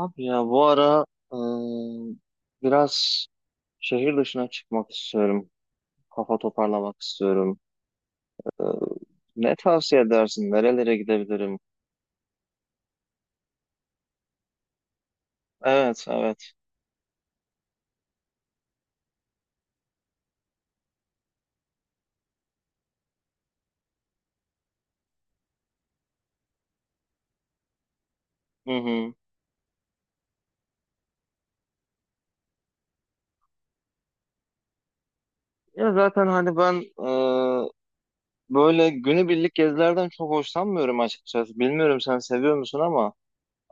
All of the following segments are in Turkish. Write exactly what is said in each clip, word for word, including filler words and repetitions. Abi ya bu ara ıı, biraz şehir dışına çıkmak istiyorum. Kafa toparlamak istiyorum. Iı, Ne tavsiye edersin? Nerelere gidebilirim? Evet, evet. Hı hı. Ya zaten hani ben ıı, böyle günübirlik gezilerden çok hoşlanmıyorum açıkçası. Bilmiyorum sen seviyor musun ama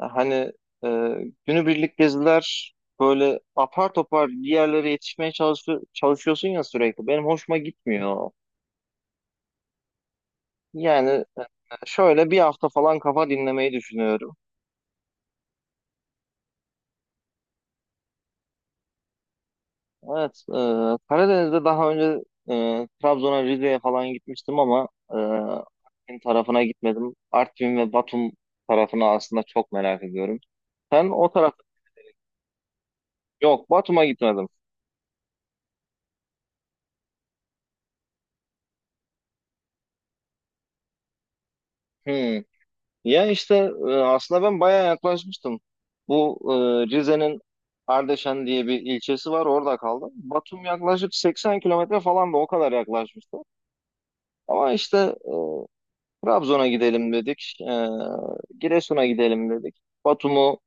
e, hani ıı, günübirlik geziler böyle apar topar bir yerlere yetişmeye çalışıyor, çalışıyorsun ya sürekli. Benim hoşuma gitmiyor. Yani e, şöyle bir hafta falan kafa dinlemeyi düşünüyorum. Evet, e, Karadeniz'de daha önce e, Trabzon'a, Rize'ye falan gitmiştim ama e, Artvin tarafına gitmedim. Artvin ve Batum tarafını aslında çok merak ediyorum. Sen o taraf. Yok, Batum'a gitmedim. Hmm. Ya işte e, aslında ben bayağı yaklaşmıştım. Bu e, Rize'nin Ardeşen diye bir ilçesi var, orada kaldım. Batum yaklaşık 80 kilometre falan da o kadar yaklaşmıştı. Ama işte e, Trabzon'a gidelim dedik. Ee, Giresun'a gidelim dedik. Batum'u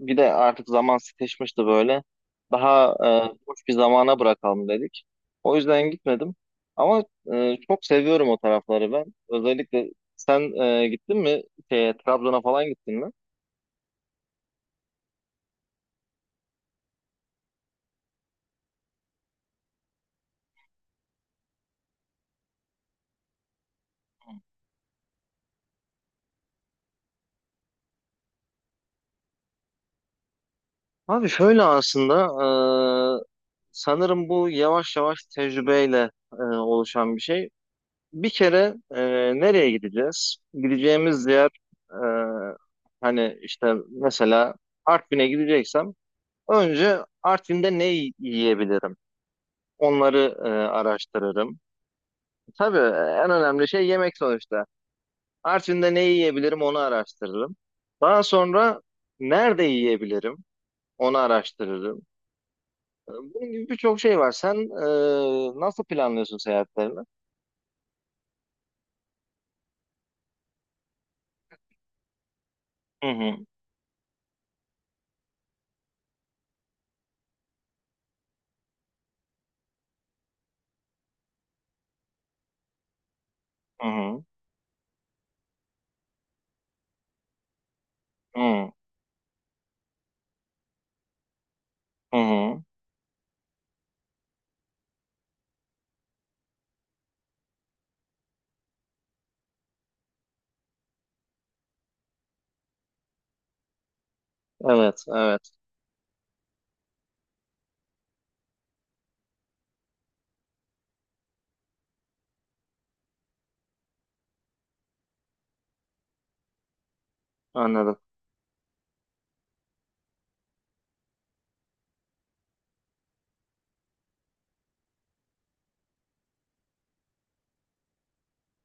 bir de artık zaman sıkışmıştı böyle. Daha e, boş bir zamana bırakalım dedik. O yüzden gitmedim. Ama e, çok seviyorum o tarafları ben. Özellikle sen e, gittin mi? Şeye, Trabzon'a falan gittin mi? Abi şöyle aslında e, sanırım bu yavaş yavaş tecrübeyle e, oluşan bir şey. Bir kere e, nereye gideceğiz? Gideceğimiz yer e, hani işte mesela Artvin'e gideceksem önce Artvin'de ne yiyebilirim? Onları e, araştırırım. Tabii en önemli şey yemek sonuçta. Artvin'de ne yiyebilirim onu araştırırım. Daha sonra nerede yiyebilirim onu araştırırım. E, Bunun gibi birçok şey var. Sen e, nasıl planlıyorsun seyahatlerini? Hı hı, hı hı, hı hı. Hı hı. Evet, evet. Anladım.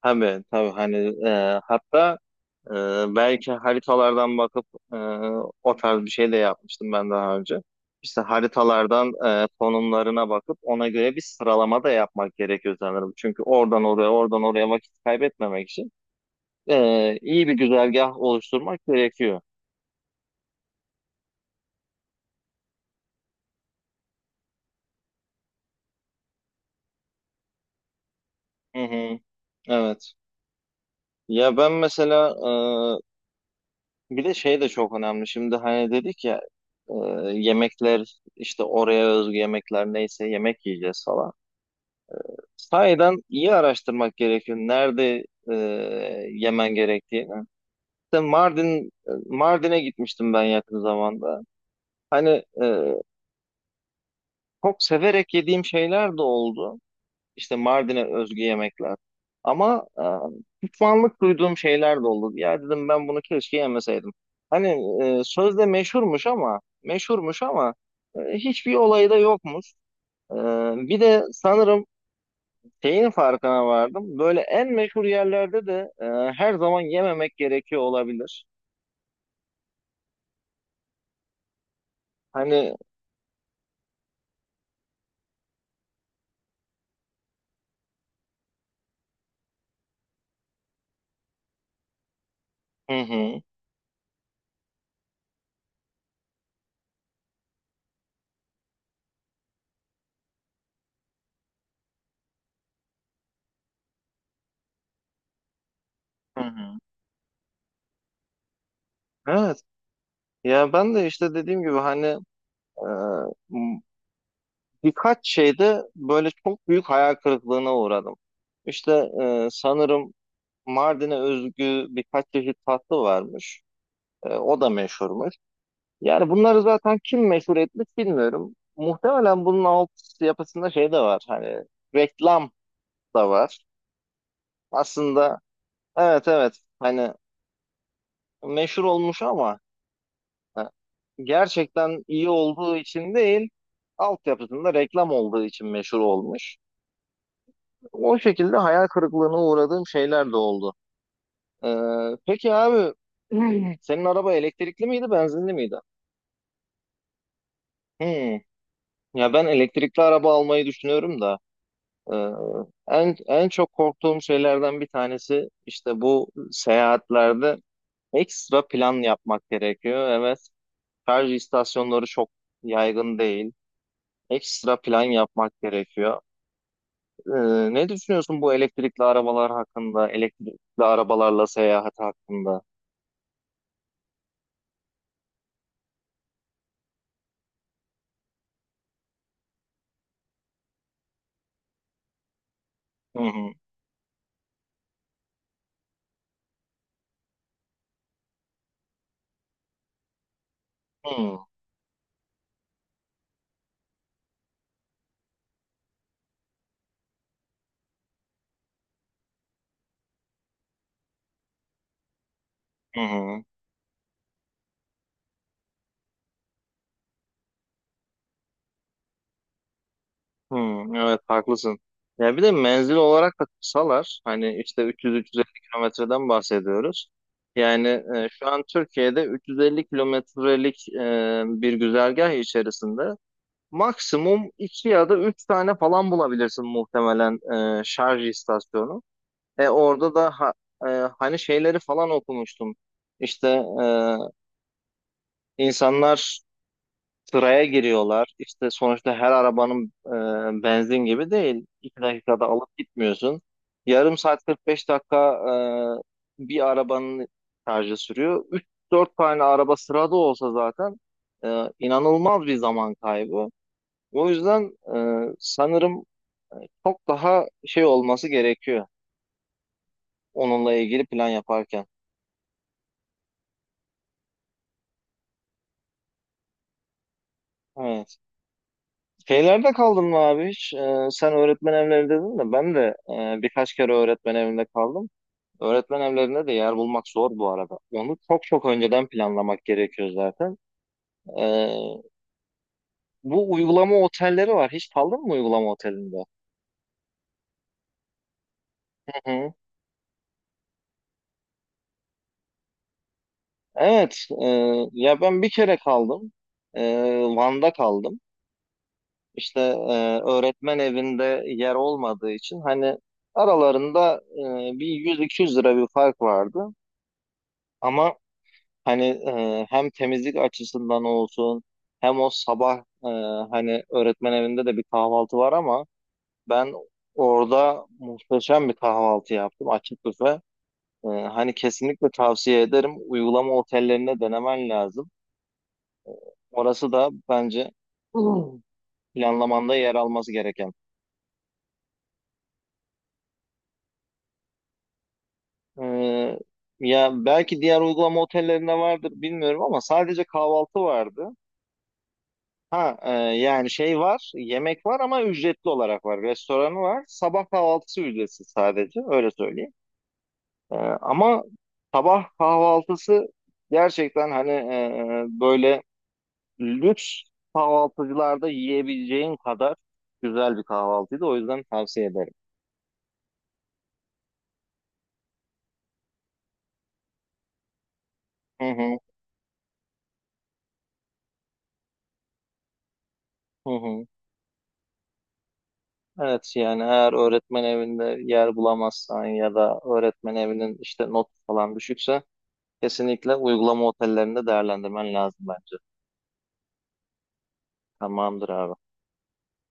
Tabii tabii hani e, hatta e, belki haritalardan bakıp e, o tarz bir şey de yapmıştım ben daha önce. İşte haritalardan e, konumlarına bakıp ona göre bir sıralama da yapmak gerekiyor sanırım. Çünkü oradan oraya oradan oraya vakit kaybetmemek için e, iyi bir güzergah oluşturmak gerekiyor. Hı hı, evet. Ya ben mesela e, bir de şey de çok önemli. Şimdi hani dedik ya e, yemekler işte oraya özgü yemekler neyse yemek yiyeceğiz falan. Sahiden iyi araştırmak gerekiyor. Nerede e, yemen gerektiğini. İşte Mardin Mardin'e gitmiştim ben yakın zamanda. Hani e, çok severek yediğim şeyler de oldu. İşte Mardin'e özgü yemekler. Ama e, pişmanlık duyduğum şeyler de oldu. Ya dedim ben bunu keşke yemeseydim. Hani e, sözde meşhurmuş ama meşhurmuş ama e, hiçbir olayı da yokmuş. E, bir de sanırım şeyin farkına vardım. Böyle en meşhur yerlerde de e, her zaman yememek gerekiyor olabilir. Hani, hı hı, hı hı. Evet. Ya ben de işte dediğim gibi hani e, m- birkaç şeyde böyle çok büyük hayal kırıklığına uğradım. İşte e, sanırım Mardin'e özgü birkaç çeşit tatlı varmış. E, o da meşhurmuş. Yani bunları zaten kim meşhur etmiş bilmiyorum. Muhtemelen bunun alt yapısında şey de var. Hani reklam da var. Aslında evet evet hani meşhur olmuş ama e, gerçekten iyi olduğu için değil, altyapısında reklam olduğu için meşhur olmuş. O şekilde hayal kırıklığına uğradığım şeyler de oldu. Ee, peki abi senin araba elektrikli miydi, benzinli miydi? Hmm. Ya ben elektrikli araba almayı düşünüyorum da e, en en çok korktuğum şeylerden bir tanesi işte bu seyahatlerde ekstra plan yapmak gerekiyor. Evet. Şarj istasyonları çok yaygın değil. Ekstra plan yapmak gerekiyor. Ee, ne düşünüyorsun bu elektrikli arabalar hakkında, elektrikli arabalarla seyahat hakkında? Hı hı, hı hı, hı. Hı, evet haklısın. Ya bir de menzil olarak da kısalar. Hani işte üç yüz üç yüz elli kilometreden bahsediyoruz. Yani e, şu an Türkiye'de üç yüz elli kilometrelik e, bir güzergah içerisinde maksimum iki ya da üç tane falan bulabilirsin muhtemelen e, şarj istasyonu. E orada da ha- e, hani şeyleri falan okumuştum. İşte e, insanlar sıraya giriyorlar. İşte sonuçta her arabanın e, benzin gibi değil. iki dakikada alıp gitmiyorsun. Yarım saat kırk beş dakika e, bir arabanın şarjı sürüyor. üç dört tane araba sırada olsa zaten e, inanılmaz bir zaman kaybı. O yüzden e, sanırım çok daha şey olması gerekiyor onunla ilgili plan yaparken. Evet. Şeylerde kaldın mı abi hiç? E, sen öğretmen evlerinde dedin de ben de e, birkaç kere öğretmen evinde kaldım. Öğretmen evlerinde de yer bulmak zor bu arada. Onu çok çok önceden planlamak gerekiyor zaten. E, bu uygulama otelleri var. Hiç kaldın mı uygulama otelinde? Hı hı. Evet. e, ya ben bir kere kaldım. E, Van'da kaldım. İşte e, öğretmen evinde yer olmadığı için hani aralarında e, bir yüz iki yüz lira bir fark vardı. Ama hani e, hem temizlik açısından olsun hem o sabah e, hani öğretmen evinde de bir kahvaltı var ama ben orada muhteşem bir kahvaltı yaptım açık büfe. E, hani kesinlikle tavsiye ederim. Uygulama otellerine denemen lazım. Orası da bence planlamanda yer alması gereken. Ee, ya belki diğer uygulama otellerinde vardır bilmiyorum ama sadece kahvaltı vardı. Ha, e, yani şey var, yemek var ama ücretli olarak var. Restoranı var. Sabah kahvaltısı ücretsiz sadece öyle söyleyeyim. Ee, ama sabah kahvaltısı gerçekten hani e, böyle lüks kahvaltıcılarda yiyebileceğin kadar güzel bir kahvaltıydı. O yüzden tavsiye ederim. Hı hı, hı hı. Evet yani eğer öğretmen evinde yer bulamazsan ya da öğretmen evinin işte not falan düşükse kesinlikle uygulama otellerinde değerlendirmen lazım bence. Tamamdır abi.